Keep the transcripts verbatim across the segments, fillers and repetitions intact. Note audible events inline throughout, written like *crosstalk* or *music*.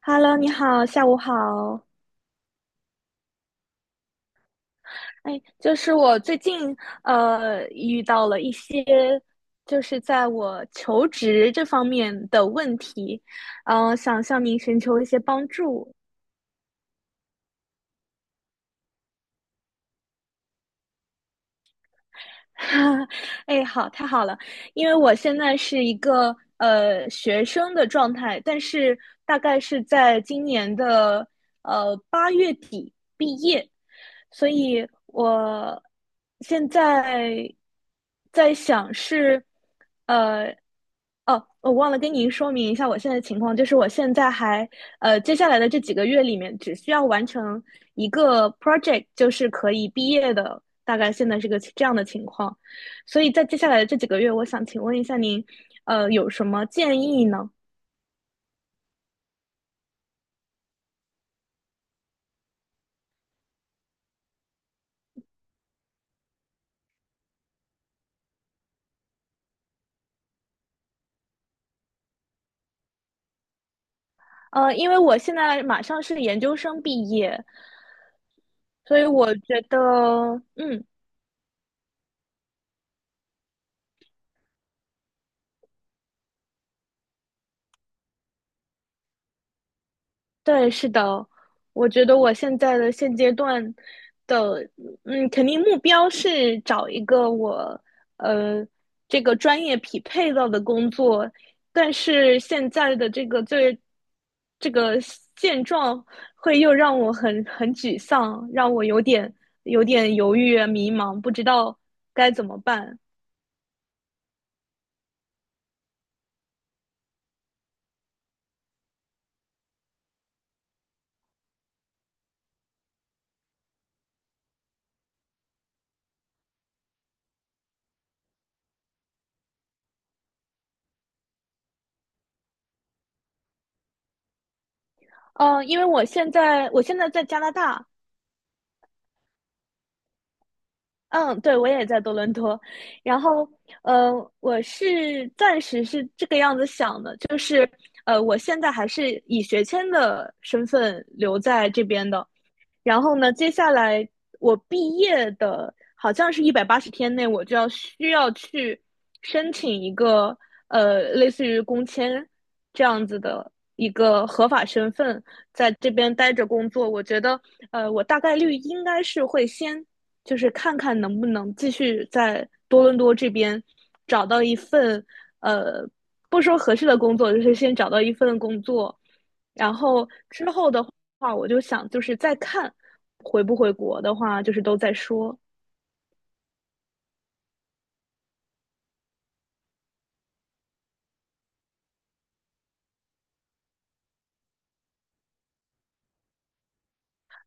Hello，你好，下午好。哎，就是我最近呃遇到了一些，就是在我求职这方面的问题，嗯、呃，想向您寻求一些帮助。*laughs* 哎，好，太好了，因为我现在是一个呃学生的状态，但是大概是在今年的呃八月底毕业，所以我现在在想是呃。哦，我忘了跟您说明一下我现在的情况，就是我现在还呃，接下来的这几个月里面，只需要完成一个 project，就是可以毕业的大概现在是个这样的情况，所以在接下来的这几个月，我想请问一下您，呃，有什么建议呢？呃，因为我现在马上是研究生毕业，所以我觉得，嗯，对，是的，我觉得我现在的现阶段的，嗯，肯定目标是找一个我呃这个专业匹配到的工作，但是现在的这个最这个现状会又让我很很沮丧，让我有点有点犹豫啊迷茫，不知道该怎么办。呃，因为我现在我现在在加拿大，嗯，对，我也在多伦多，然后，呃，我是暂时是这个样子想的，就是，呃，我现在还是以学签的身份留在这边的，然后呢，接下来我毕业的，好像是一百八十天内，我就要需要去申请一个，呃，类似于工签这样子的一个合法身份，在这边待着工作。我觉得，呃，我大概率应该是会先。就是看看能不能继续在多伦多这边找到一份，呃，不说合适的工作，就是先找到一份工作，然后之后的话，我就想就是再看回不回国的话，就是都在说。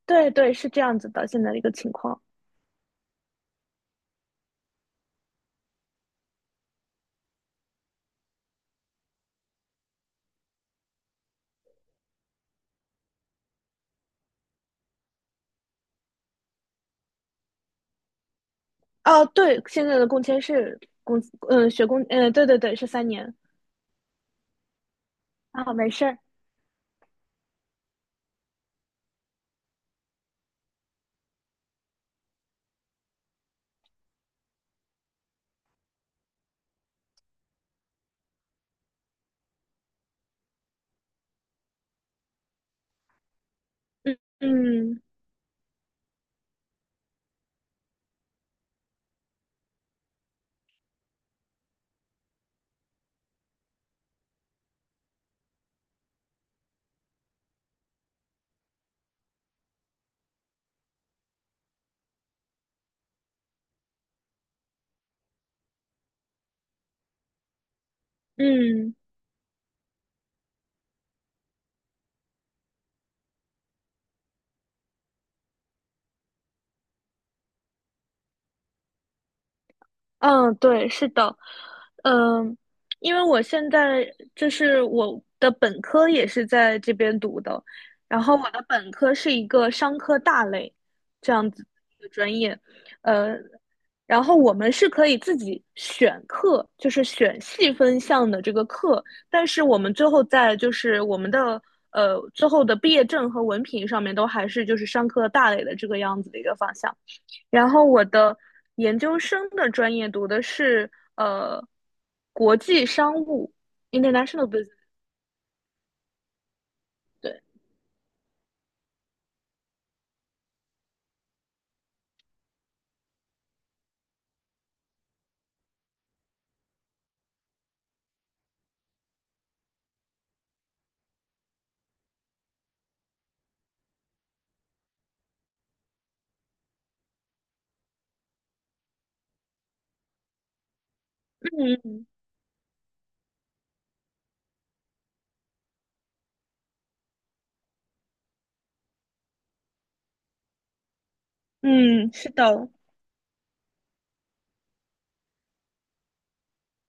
对对，是这样子的，现在的一个情况。哦，对，现在的工签是工，嗯，呃学工，嗯，呃对对对，是三年啊，没事儿，嗯嗯嗯。嗯，对，是的，嗯，因为我现在就是我的本科也是在这边读的，然后我的本科是一个商科大类这样子的一个专业，呃，然后我们是可以自己选课，就是选细分项的这个课，但是我们最后在就是我们的呃最后的毕业证和文凭上面都还是就是商科大类的这个样子的一个方向。然后我的研究生的专业读的是呃国际商务 （international business）。对，嗯嗯，是的，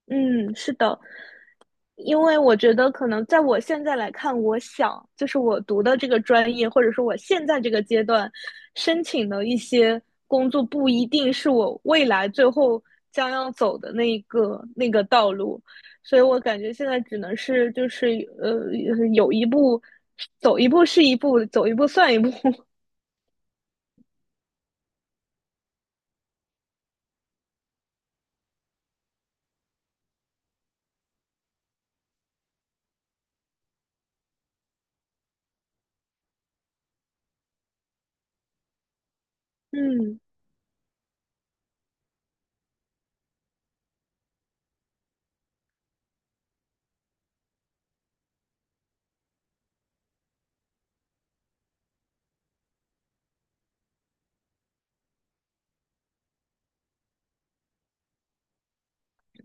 嗯是的。因为我觉得可能在我现在来看，我想就是我读的这个专业，或者说我现在这个阶段申请的一些工作，不一定是我未来最后将要走的那个那个道路，所以我感觉现在只能是就是呃有一步走一步是一步，走一步算一步。*laughs* 嗯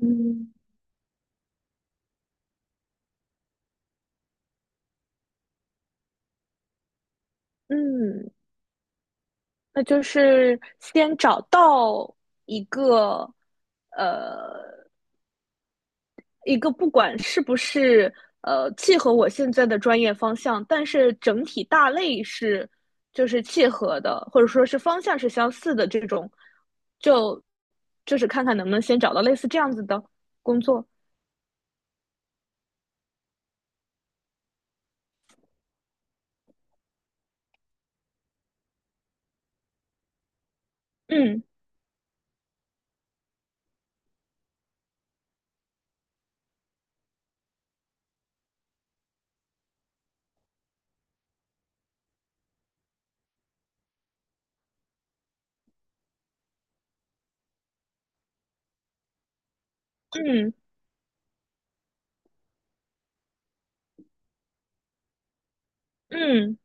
嗯嗯，那就是先找到一个呃。一个不管是不是呃契合我现在的专业方向，但是整体大类是就是契合的，或者说是方向是相似的这种，就就是看看能不能先找到类似这样子的工作。嗯嗯嗯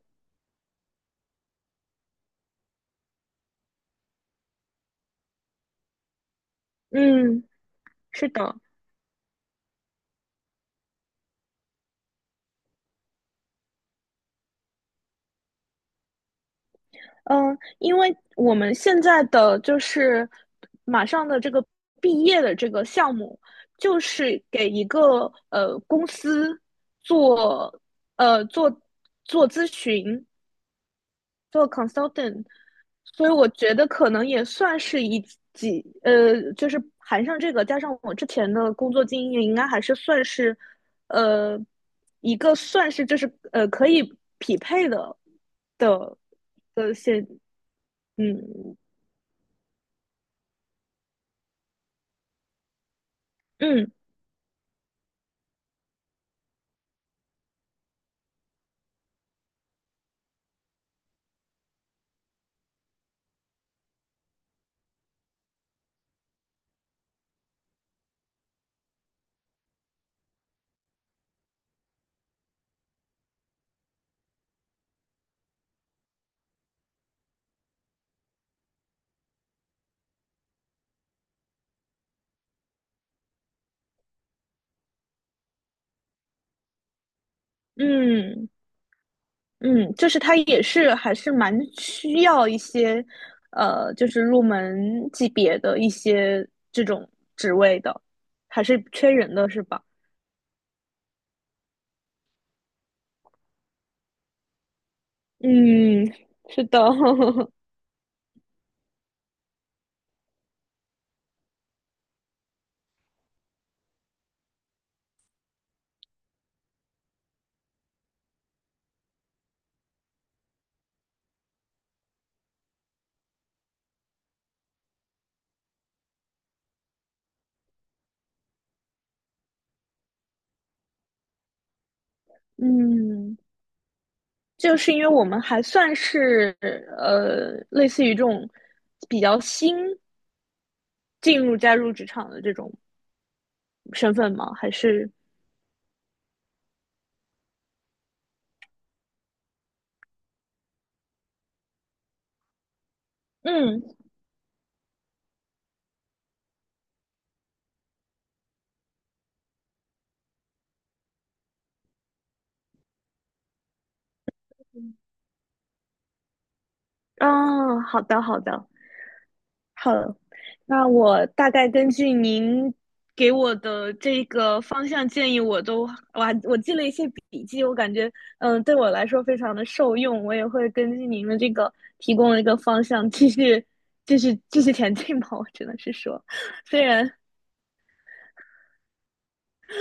嗯，是的。嗯，因为我们现在的就是马上的这个毕业的这个项目，就是给一个呃公司做呃做做咨询，做 consultant，所以我觉得可能也算是一几呃，就是含上这个，加上我之前的工作经验，应该还是算是呃一个算是就是呃可以匹配的的的现嗯。嗯嗯嗯，就是它也是还是蛮需要一些，呃，就是入门级别的一些这种职位的，还是缺人的是吧？嗯，是的，*laughs* 嗯，就是因为我们还算是呃，类似于这种比较新进入加入职场的这种身份吗？还是嗯啊，哦好的好的，好了，那我大概根据您给我的这个方向建议，我都我还我记了一些笔记，我感觉嗯、呃对我来说非常的受用，我也会根据您的这个提供的一个方向继续继续继续前进吧，我只能是说，虽然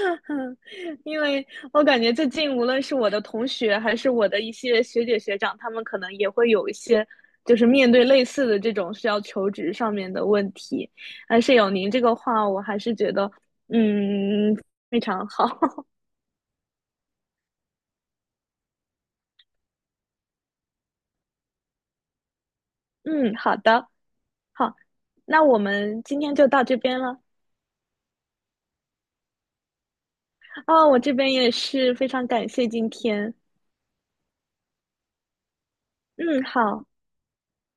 *laughs* 嗯，因为我感觉最近无论是我的同学，还是我的一些学姐学长，他们可能也会有一些，就是面对类似的这种需要求职上面的问题。但是有您这个话，我还是觉得，嗯，非常好。*laughs* 嗯，好的，好，那我们今天就到这边了。啊，我这边也是非常感谢今天。嗯，好。